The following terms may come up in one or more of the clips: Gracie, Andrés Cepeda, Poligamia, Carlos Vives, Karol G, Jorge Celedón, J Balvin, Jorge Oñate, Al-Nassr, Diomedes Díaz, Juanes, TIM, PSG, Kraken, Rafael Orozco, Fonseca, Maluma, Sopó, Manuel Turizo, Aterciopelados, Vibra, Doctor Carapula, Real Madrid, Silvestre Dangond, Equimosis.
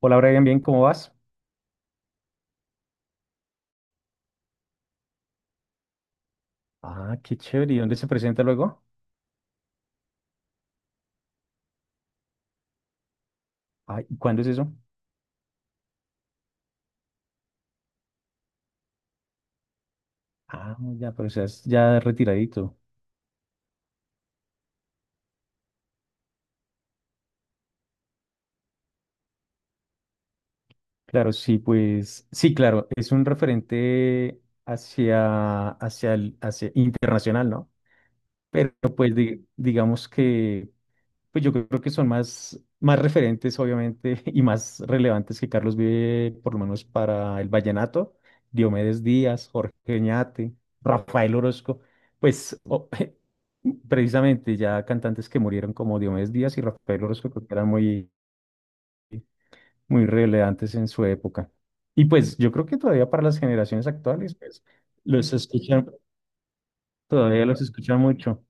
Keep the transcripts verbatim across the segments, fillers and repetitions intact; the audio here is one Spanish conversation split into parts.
Hola Brian, bien, ¿cómo vas? Ah, qué chévere. ¿Y dónde se presenta luego? Ay, ¿cuándo es eso? Ah, ya, pero seas ya retiradito. Claro, sí, pues, sí, claro, es un referente hacia, hacia el, hacia internacional, ¿no? Pero pues di- digamos que pues yo creo que son más, más referentes, obviamente, y más relevantes que Carlos Vive, por lo menos para el vallenato. Diomedes Díaz, Jorge Oñate, Rafael Orozco, pues o- precisamente ya cantantes que murieron como Diomedes Díaz y Rafael Orozco, creo que eran muy, muy relevantes en su época. Y pues yo creo que todavía para las generaciones actuales, pues los escuchan, todavía los escuchan mucho.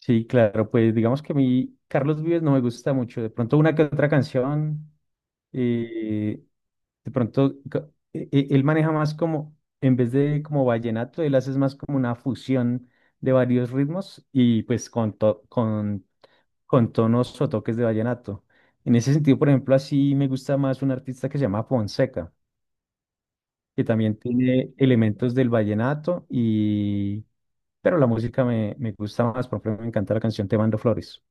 Sí, claro, pues digamos que a mí Carlos Vives no me gusta mucho. De pronto una que otra canción, eh, de pronto ca- e- e- él maneja más como, en vez de como vallenato, él hace más como una fusión de varios ritmos y pues con, to- con, con tonos o toques de vallenato. En ese sentido, por ejemplo, así me gusta más un artista que se llama Fonseca, que también tiene elementos del vallenato y... Pero la música me, me gusta más, por ejemplo, me encanta la canción Te mando flores.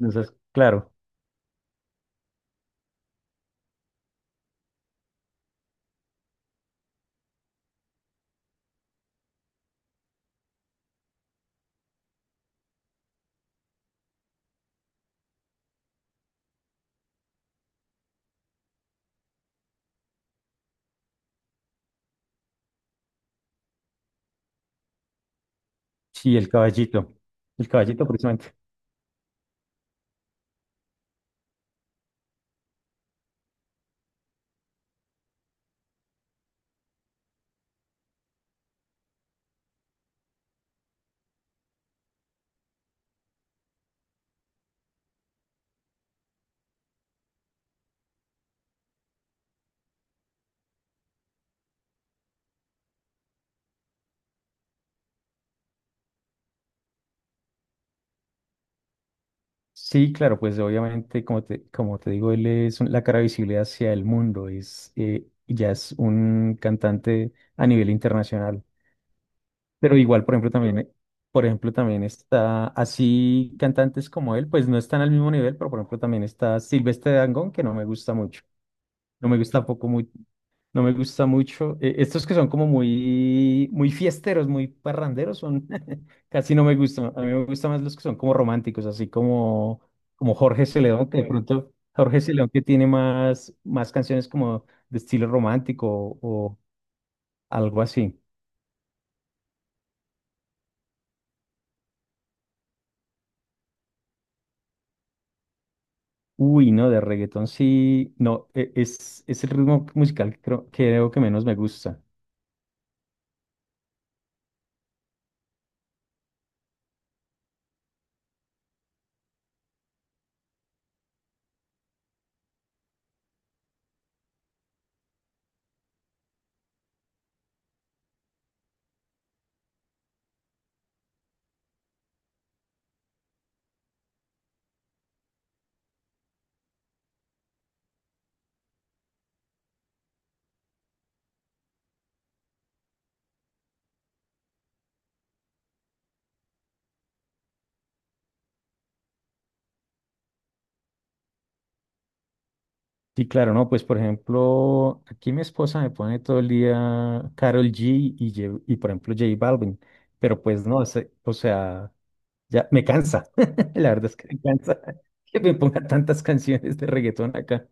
Entonces, claro, sí, el caballito, el caballito precisamente. Sí, claro, pues obviamente, como te, como te digo, él es un- la cara visible hacia el mundo, es, eh, ya es un cantante a nivel internacional. Pero igual, por ejemplo, también, eh, por ejemplo, también está así cantantes como él, pues no están al mismo nivel, pero por ejemplo también está Silvestre Dangond, que no me gusta mucho. No me gusta tampoco. No me gusta mucho. Eh, estos que son como muy, muy fiesteros, muy parranderos, son casi no me gustan. A mí me gustan más los que son como románticos, así como, como Jorge Celedón, que de Ok. pronto Jorge Celedón que tiene más, más canciones como de estilo romántico o, o algo así. Uy, no, de reggaetón sí, no, e- es, es el ritmo musical que creo, creo que menos me gusta. Sí, claro, no, pues por ejemplo, aquí mi esposa me pone todo el día Karol G y, Ye- y por ejemplo J Balvin, pero pues no, se- o sea, ya me cansa, la verdad es que me cansa que me ponga tantas canciones de reggaetón acá.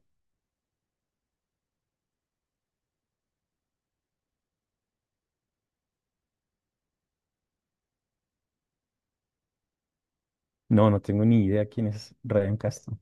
No, no tengo ni idea quién es Ryan Castro.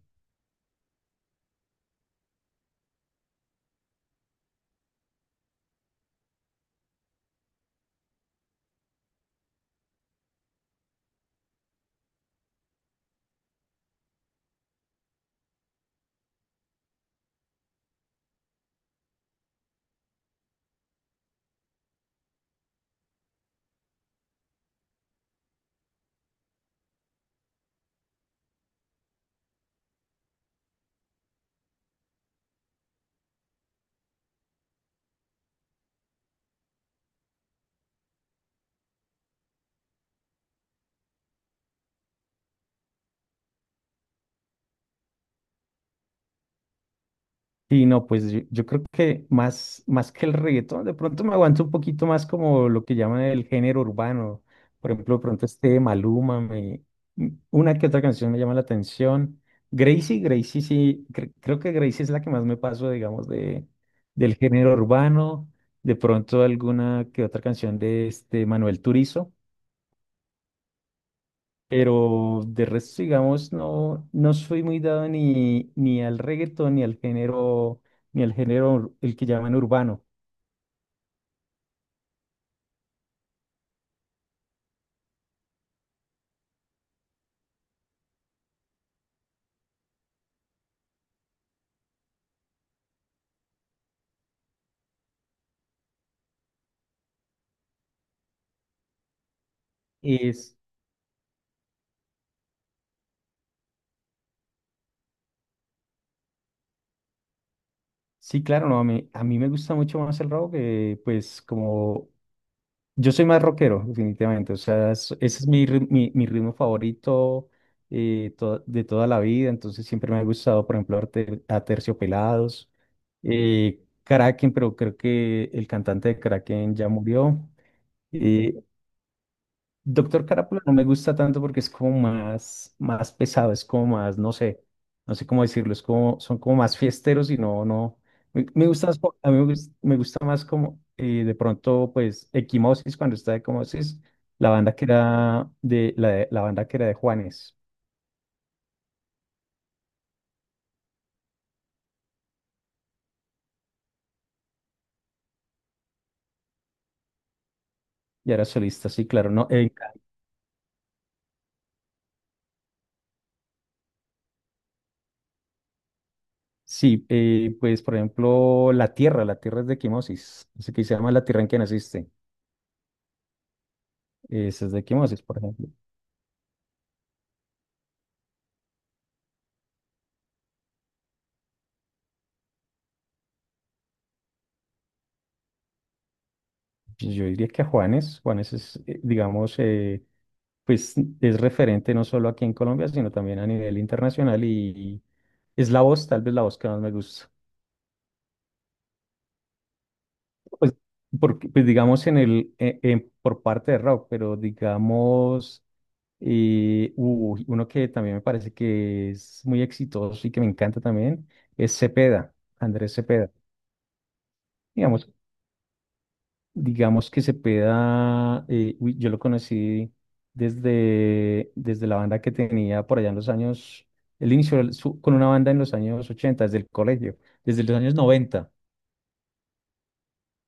Sí, no, pues yo, yo creo que más, más que el reggaetón, de pronto me aguanto un poquito más como lo que llaman el género urbano. Por ejemplo, de pronto este de Maluma, me, m- una que otra canción me llama la atención. Gracie, Gracie sí, cre- creo que Gracie es la que más me paso, digamos, de, del género urbano. De pronto alguna que otra canción de este Manuel Turizo. Pero de resto, digamos, no, no soy muy dado ni, ni al reggaetón, ni al género, ni al género, el que llaman urbano. Es, sí, claro, no, a mí, a mí me gusta mucho más el rock, que pues como yo soy más rockero, definitivamente. O sea, es- ese es mi, ri- mi, mi ritmo favorito eh, to- de toda la vida. Entonces siempre me ha gustado, por ejemplo, Arte- Aterciopelados, eh, Kraken, pero creo que el cantante de Kraken ya murió. Eh, Doctor Carapula no me gusta tanto porque es como más, más pesado, es como más, no sé, no sé cómo decirlo, es como, son como más fiesteros y no, no. Me, me gusta más, co- a mí me gusta, me gusta, más como eh, de pronto, pues, Equimosis, cuando está Equimosis, la banda que era de la, de- la banda que era de Juanes, y era solista, sí, claro, no, eh, sí, eh, pues, por ejemplo, La Tierra, La Tierra es de Equimosis, así que se llama La Tierra en que naciste, esa es de Equimosis, por ejemplo. Pues yo diría que a Juanes, Juanes es, eh, digamos, eh, pues es referente no solo aquí en Colombia, sino también a nivel internacional y, es la voz, tal vez la voz que más me gusta. Pues, porque, pues digamos, en el, eh, eh, por parte de rock, pero digamos, eh, uy, uno que también me parece que es muy exitoso y que me encanta también, es Cepeda, Andrés Cepeda. Digamos, digamos que se pueda, eh, uy, yo lo conocí desde, desde la banda que tenía por allá en los años, él inició el- su- con una banda en los años ochenta desde el colegio, desde los años noventa.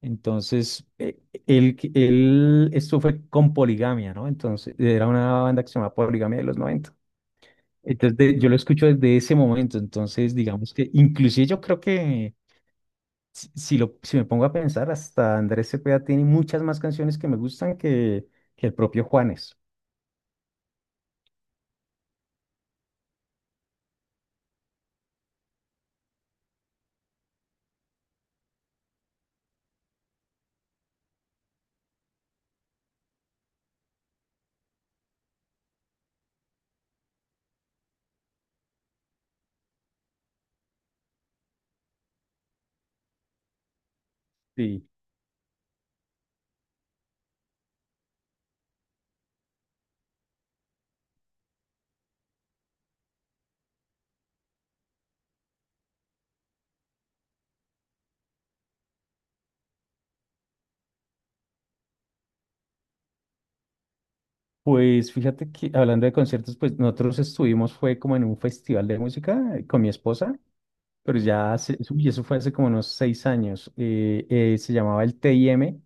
Entonces, eh, él, que- él, esto fue con Poligamia, ¿no? Entonces, era una banda que se llamaba Poligamia de los noventa. Entonces, de- yo lo escucho desde ese momento. Entonces, digamos que, inclusive yo creo que si, si lo, si me pongo a pensar, hasta Andrés Cepeda tiene muchas más canciones que me gustan que, que el propio Juanes. Sí. Pues fíjate que hablando de conciertos, pues nosotros estuvimos, fue como en un festival de música eh, con mi esposa, pero ya hace, uy, eso fue hace como unos seis años. Eh, eh, se llamaba el TIM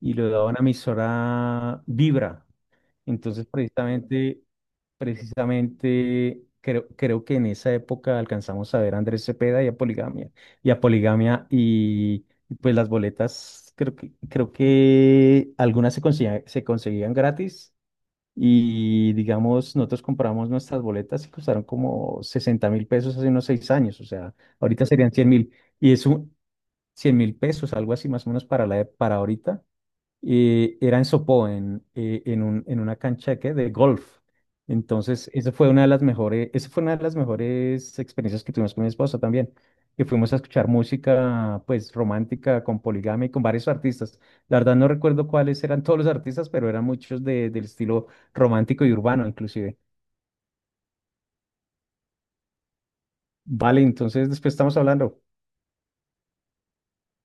y lo daba una emisora Vibra. Entonces, precisamente, precisamente creo, creo que en esa época alcanzamos a ver a Andrés Cepeda y a Poligamia. Y a Poligamia y, y pues las boletas, creo que, creo que algunas se conseguían, se conseguían gratis y digamos, nosotros compramos nuestras boletas y costaron como sesenta mil pesos hace unos seis años, o sea, ahorita serían cien mil y es un cien mil pesos, algo así más o menos para, la, e- para ahorita eh, era en Sopó, en, eh, en un- en una cancha de, ¿qué? De golf. Entonces, esa fue una de las mejores, esa fue una de las mejores experiencias que tuvimos con mi esposa también, que fuimos a escuchar música, pues, romántica, con Poligamia y con varios artistas. La verdad no recuerdo cuáles eran todos los artistas, pero eran muchos de- del estilo romántico y urbano, inclusive. Vale, entonces después estamos hablando.